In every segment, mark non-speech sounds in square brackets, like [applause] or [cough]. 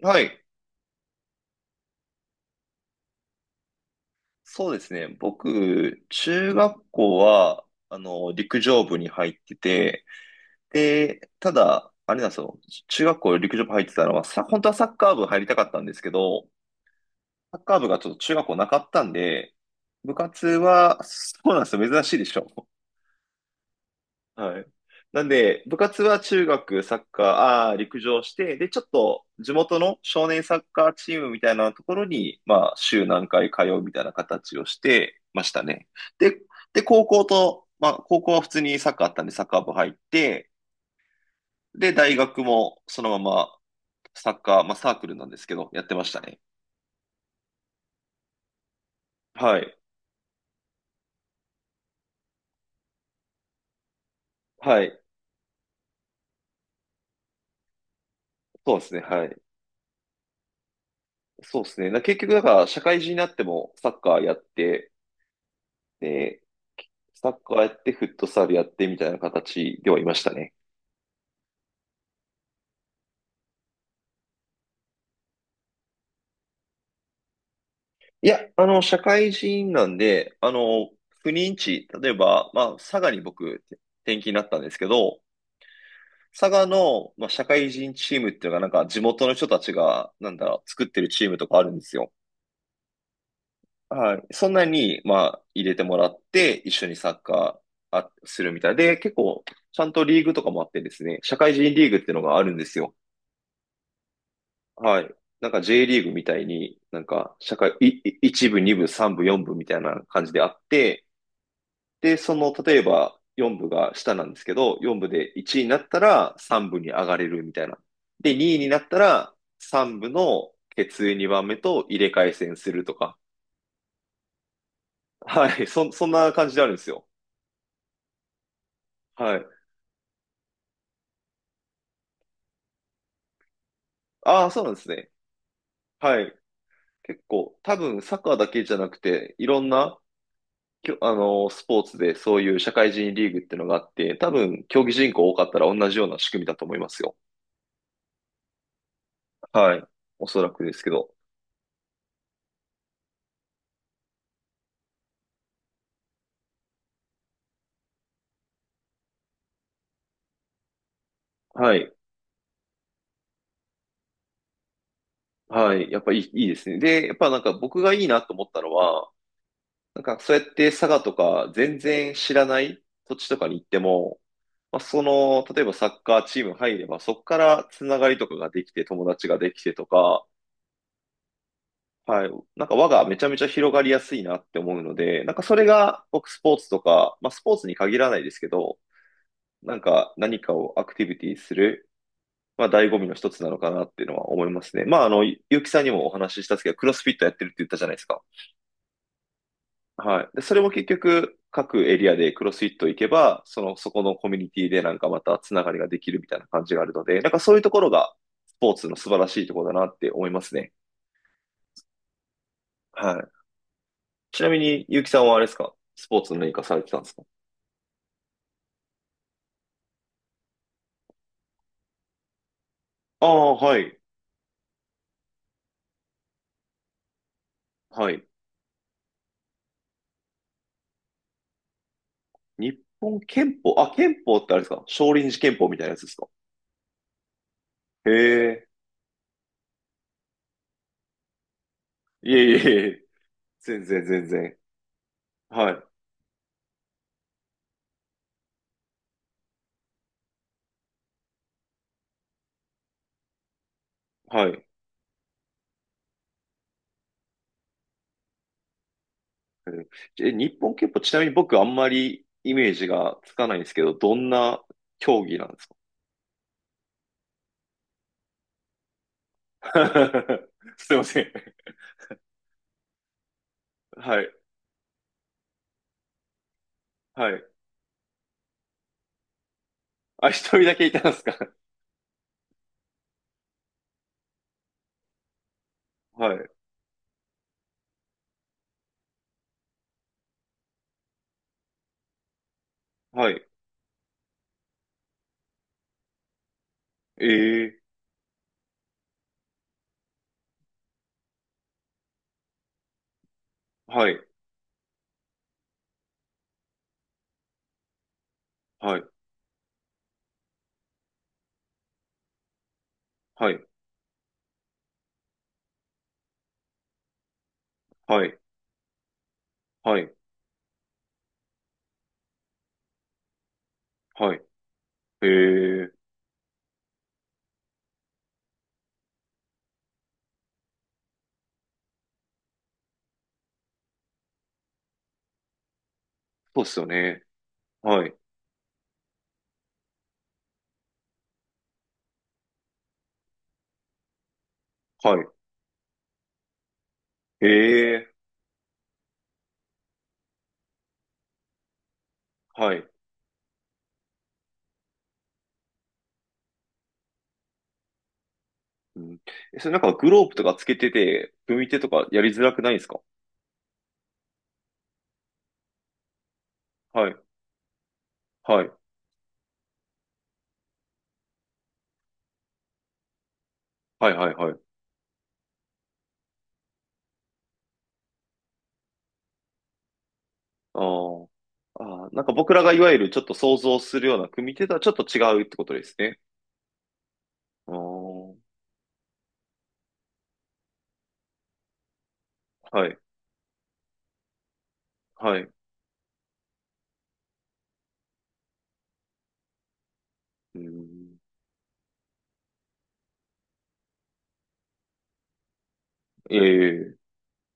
はい。そうですね。僕、中学校は、陸上部に入ってて、で、ただ、あれなんですよ。中学校陸上部入ってたのは、本当はサッカー部入りたかったんですけど、サッカー部がちょっと中学校なかったんで、部活は、そうなんですよ。珍しいでしょ。はい。なんで、部活は中学サッカー、陸上して、で、ちょっと地元の少年サッカーチームみたいなところに、まあ、週何回通うみたいな形をしてましたね。で、で、高校と、まあ、高校は普通にサッカーあったんで、サッカー部入って、で、大学もそのままサッカー、まあ、サークルなんですけど、やってましたね。はい。はい。そうですね。はい。そうですね。結局、だから、社会人になってもサッカーやって、で、サッカーやって、フットサルやってみたいな形ではいましたね。いや、社会人なんで、不妊地、例えば、まあ、佐賀に僕、転勤になったんですけど、佐賀の、まあ、社会人チームっていうのが、なんか地元の人たちが、なんだろう、作ってるチームとかあるんですよ。はい。そんなに、まあ、入れてもらって、一緒にサッカーするみたいで、結構、ちゃんとリーグとかもあってですね、社会人リーグっていうのがあるんですよ。はい。なんか J リーグみたいに、なんか社会、一部、二部、三部、四部みたいな感じであって、で、その、例えば四部が下なんですけど、四部で1位になったら三部に上がれるみたいな。で、2位になったら三部の決意2番目と入れ替え戦するとか。はい。そんな感じであるんですよ。はい。ああ、そうなんですね。はい。結構、多分サッカーだけじゃなくて、いろんなきょ、あの、スポーツでそういう社会人リーグっていうのがあって、多分競技人口多かったら同じような仕組みだと思いますよ。はい。おそらくですけど。はい。はい。やっぱいい、いいですね。で、やっぱなんか僕がいいなと思ったのは、なんかそうやって佐賀とか全然知らない土地とかに行っても、まあ、その、例えばサッカーチーム入れば、そこからつながりとかができて、友達ができてとか、はい。なんか輪がめちゃめちゃ広がりやすいなって思うので、なんかそれが僕スポーツとか、まあスポーツに限らないですけど、なんか何かをアクティビティする、まあ醍醐味の一つなのかなっていうのは思いますね。まあゆうきさんにもお話ししたんですけど、クロスフィットやってるって言ったじゃないですか。はい。で、それも結局各エリアでクロスフィット行けば、その、そこのコミュニティでなんかまたつながりができるみたいな感じがあるので、なんかそういうところがスポーツの素晴らしいところだなって思いますね。はい。ちなみに、ゆうきさんはあれですか、スポーツの何かされてたんですか？ああ、はい。はい。日本憲法、あ、憲法ってあれですか、少林寺憲法みたいなやつですか？へえ。いえいえいえ。全然全然。はい。はい。うん。え、日本憲法、ちなみに僕あんまりイメージがつかないんですけど、どんな競技なんですか？ [laughs] すいません。はい。はい。あ、一人だけいたんですか？はい。はい。ええ。はい。はい。はい。はい。はい。はい。ええ。そうっすよね。はい。はい。ええ。はい。うん。え、それなんかグローブとかつけてて、組み手とかやりづらくないですか？はい。はい。はいはいはい。あー、あー、なんか僕らがいわゆるちょっと想像するような組み手とはちょっと違うってことですね。ああ、はい。はい。うん。ええ、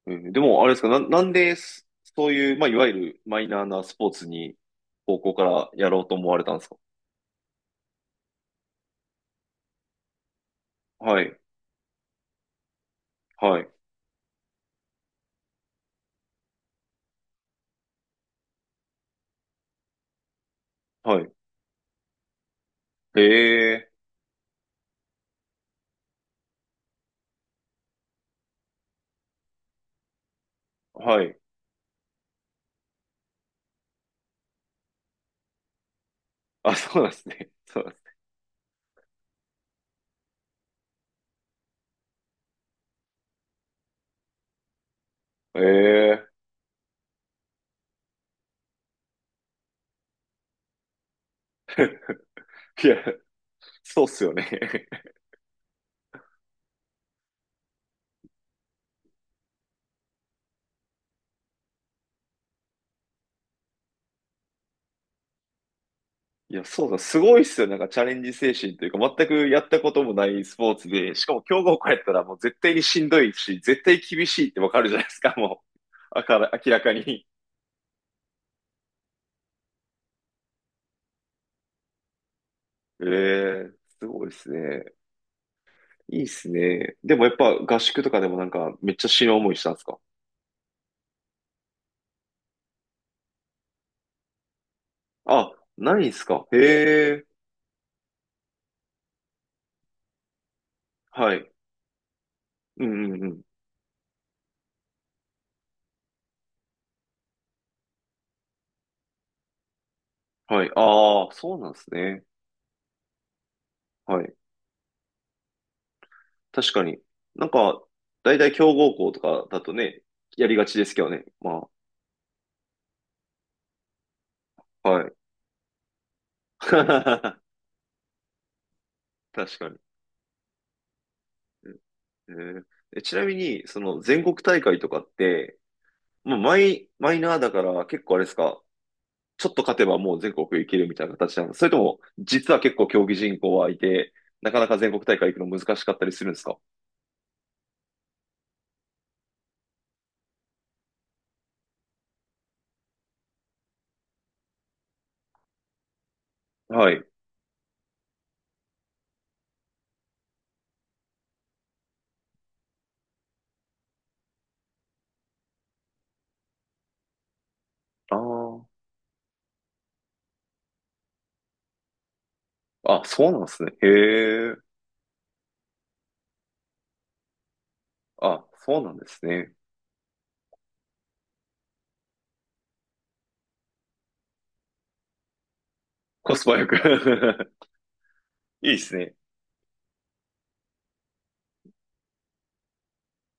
ええ、でもあれですか、なんでそういう、まあ、いわゆるマイナーなスポーツに高校からやろうと思われたんですか？はい。はい。はい。ええ。はい。あ、そうなんですね。そうなんです。ええ。いや、そうっすよね。[laughs] いや、そうだ、すごいっすよ。なんかチャレンジ精神というか、全くやったこともないスポーツで、しかも強豪校やったらもう絶対にしんどいし、絶対厳しいってわかるじゃないですか、もう。あから、明らかに。ええ。すごいっすね。いいっすね。でもやっぱ合宿とかでもなんかめっちゃ死ぬ思いしたんですか？あ、ないんすか、へえ、はい。うんうんうん。はい。ああ、そうなんですね。はい。確かに。なんか、大体強豪校とかだとね、やりがちですけどね。まあ、はい。[laughs] 確かに。えー、えちなみに、その全国大会とかって、もうマイナーだから結構あれですか、ちょっと勝てばもう全国行けるみたいな形なんですか、それとも、実は結構競技人口はいて、なかなか全国大会行くの難しかったりするんですか？はい。ああ。あ、そうなんですね。へえ。あ、そうなんですね。コスパよく。 [laughs] いいですね。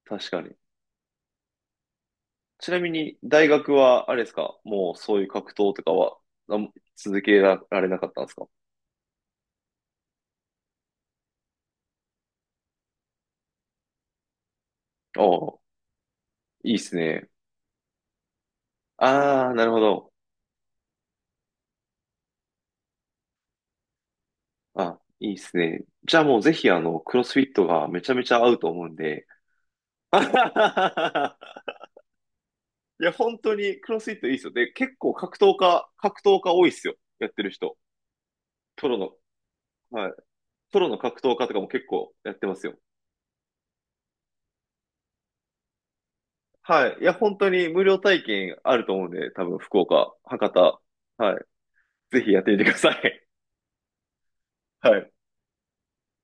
確かに。ちなみに、大学は、あれですか、もうそういう格闘とかは、あん続けられなかったんですか？ああ、いいっすね。ああ、なるほど。あ、いいっすね。じゃあもうぜひ、あの、クロスフィットがめちゃめちゃ合うと思うんで。[laughs] いや、本当にクロスフィットいいっすよ。で、結構格闘家、格闘家多いっすよ。やってる人。プロの、はい。プロの格闘家とかも結構やってますよ。はい。いや、本当に無料体験あると思うんで、多分、福岡、博多、はい。ぜひやってみてください。[laughs] はい。